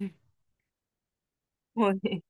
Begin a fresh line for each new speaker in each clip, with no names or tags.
もうね、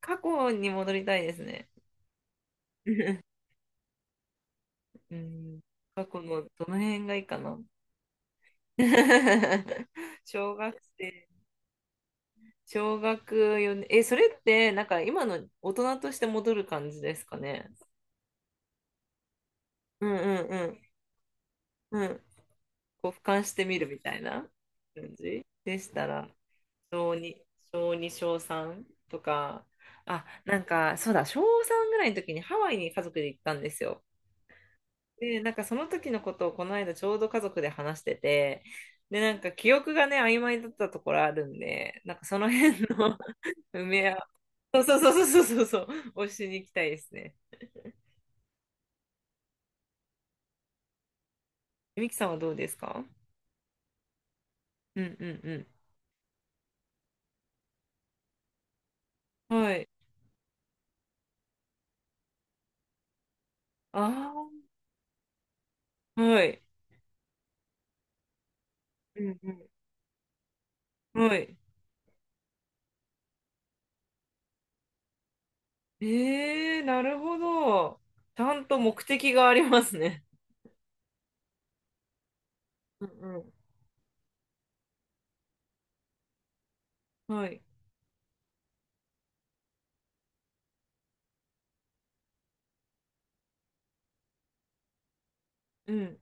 過去に戻りたいですね。うん、過去のどの辺がいいかな。小学生、小学4年、え、それってなんか今の大人として戻る感じですかね。うんうんうん。うん。こう俯瞰してみるみたいな感じでしたら、小2、小2、小3とか、あ、なんかそうだ、小3ぐらいの時にハワイに家族で行ったんですよ。で、なんかその時のことをこの間ちょうど家族で話してて、で、なんか記憶がね、曖昧だったところあるんで、なんかその辺の 埋め合う、そうそうそうそうそうそう、をしに行きたいですね。ミキさんはどうですか？うんうんうん。はい。ああ、はい。うんうん。はい。ええー、なるほど。ちゃんと目的がありますね。うんうん。はい。うん。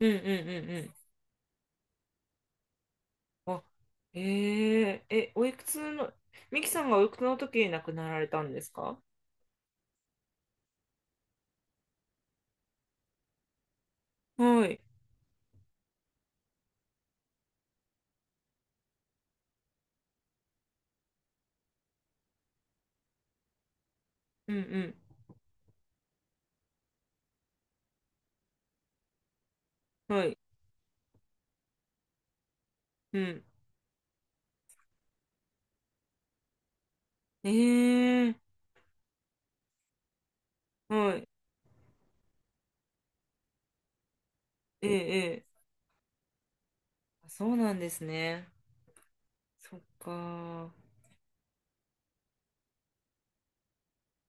うんうんうんうん。あ、えええ、おいくつの、ミキさんがおいくつの時に亡くなられたんですか？はい。うんうん。はい。うん。ええ、はい。ええええ、あ、そうなんですね。そっか。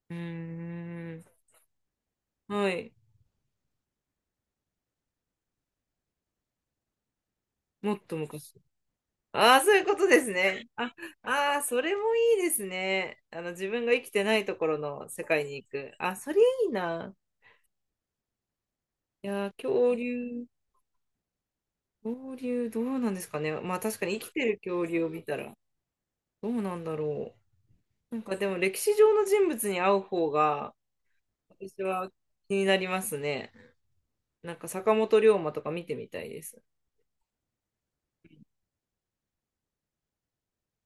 うーん。はい。もっと昔。ああ、そういうことですね。あ、ああ、それもいいですね。あの、自分が生きてないところの世界に行く。あ、それいいな。いやー、恐竜。恐竜どうなんですかね。まあ確かに生きてる恐竜を見たらどうなんだろう。なんかでも歴史上の人物に会う方が私は気になりますね。なんか坂本龍馬とか見てみたいです。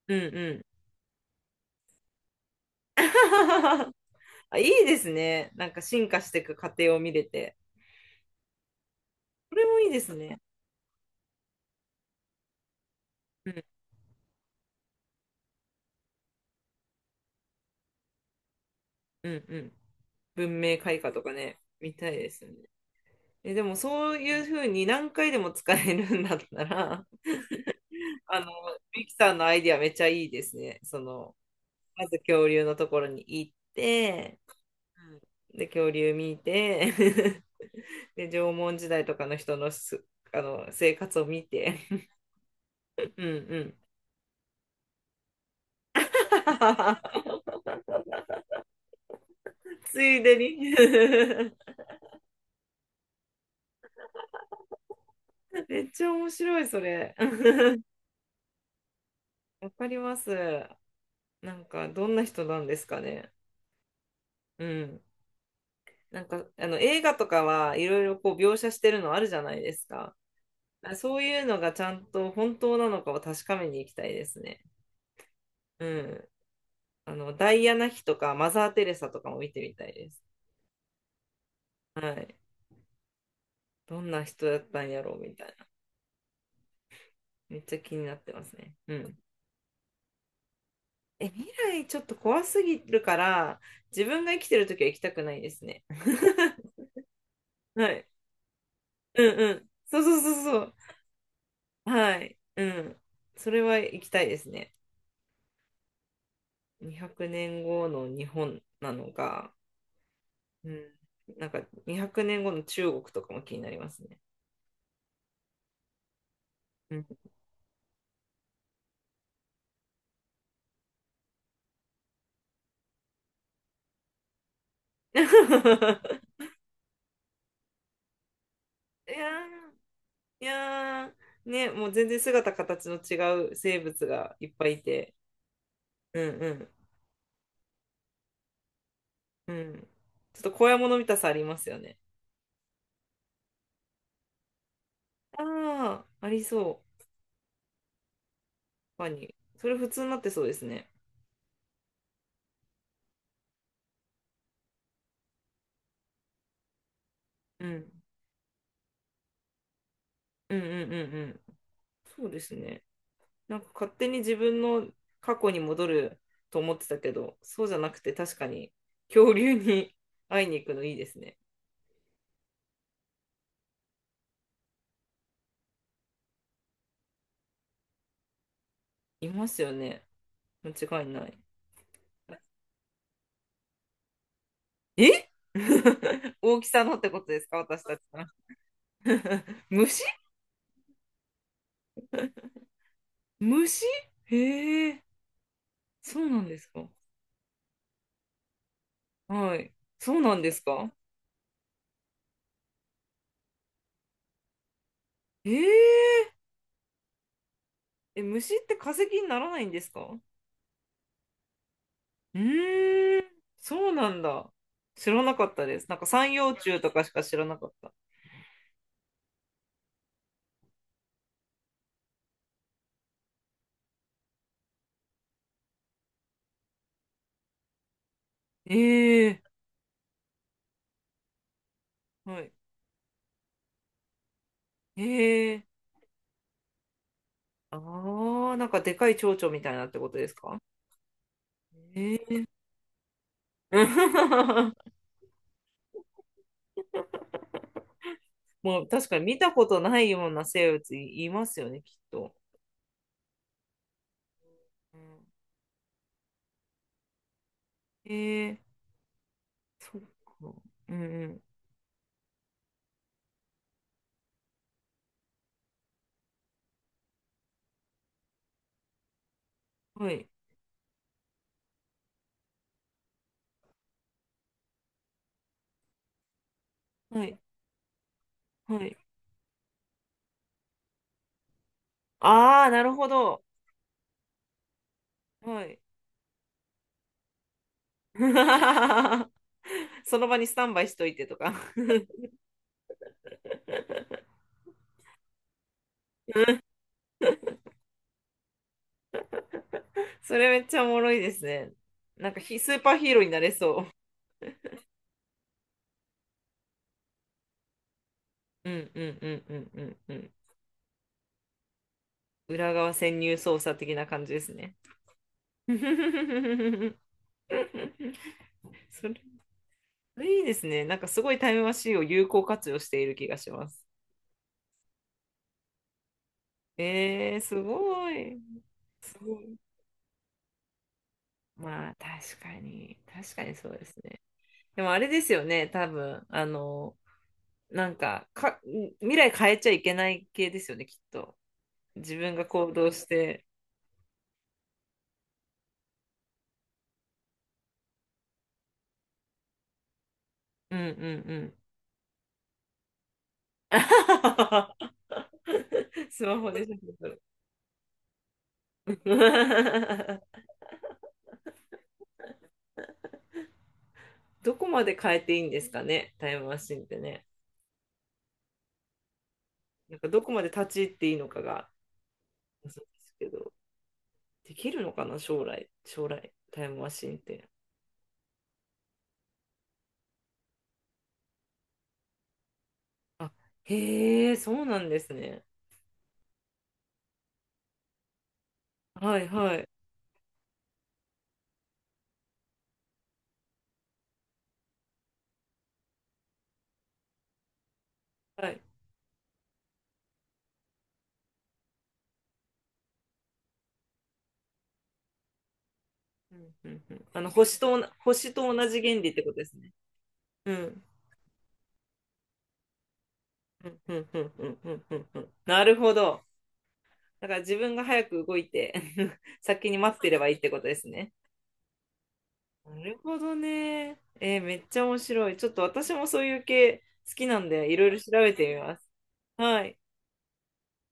うんうん。あ、いいですね。なんか進化していく過程を見れて。これもいいですね。うんうんうん。文明開化とかね、見たいですよね。え、でもそういうふうに何回でも使えるんだったら、あの、ミキさんのアイディアめっちゃいいですね。その、まず恐竜のところに行って、で、恐竜見て、で、縄文時代とかの人のあの、生活を見て、うんうん。ついでに めっちゃ面白い、それ。わかります。なんか、どんな人なんですかね。うん。なんか、あの、映画とかはいろいろこう描写してるのあるじゃないですか。あ、そういうのがちゃんと本当なのかを確かめに行きたいですね。うん。あの、ダイアナ妃とかマザー・テレサとかも見てみたいです。はい。どんな人だったんやろうみたいな。めっちゃ気になってますね。うん。え、未来ちょっと怖すぎるから、自分が生きてるときは行きたくないですね。はい。うんうん。そうそうそうそう。はい。うん。それは行きたいですね。200年後の日本なのか、うん。なんか200年後の中国とかも気になりますね。うん。いやーいやー、ね、もう全然姿形の違う生物がいっぱいいて、うんうん、うん。ちょっと怖いもの見たさありますよね。ああ、ありそう。確かに。それ普通になってそうですね。うん。うんうんうんうん。そうですね。なんか勝手に自分の過去に戻ると思ってたけど、そうじゃなくて確かに恐竜に 会いに行くのいいですね。いますよね。間違いない。え 大きさのってことですか、私たちの？虫、虫、へえ、そうなんですか。はい。そうなんですか。へえ、え、虫って化石にならないんですか？うーん、そうなんだ。知らなかったです。なんか三葉虫とかしか知らなかった。ええ、はい。ええ、ああ、なんかでかい蝶々みたいなってことですか？ええ。もう確かに見たことないような生物い、ますよね、きっと。うん、ええ、そうか。うんうん。はい。はい。はい。ああ、なるほど。はい。その場にスタンバイしといてとか それめっちゃおもろいですね。なんかスーパーヒーローになれそう。うんうんうんうんうんうん。裏側潜入捜査的な感じですね。それいいですね。なんかすごいタイムマシーンを有効活用している気がします。すごい。すごい。まあ、確かに。確かにそうですね。でもあれですよね、多分。あの、なんか、未来変えちゃいけない系ですよね、きっと。自分が行動して。うんうんうん。スマホで写真撮る。どこまで変えていいんですかね、タイムマシンってね。なんかどこまで立ち入っていいのかが、そうですけど、できるのかな、将来、タイムマシンって。あ、へえ、そうなんですね。はいはい。はい。うんうんうん。あの、星と同じ原理ってことですね。うん。うんうんうんうんうんうんうん。なるほど。だから自分が早く動いて 先に待ってればいいってことですね。なるほどね。めっちゃ面白い。ちょっと私もそういう系好きなんで、いろいろ調べてみます。はい。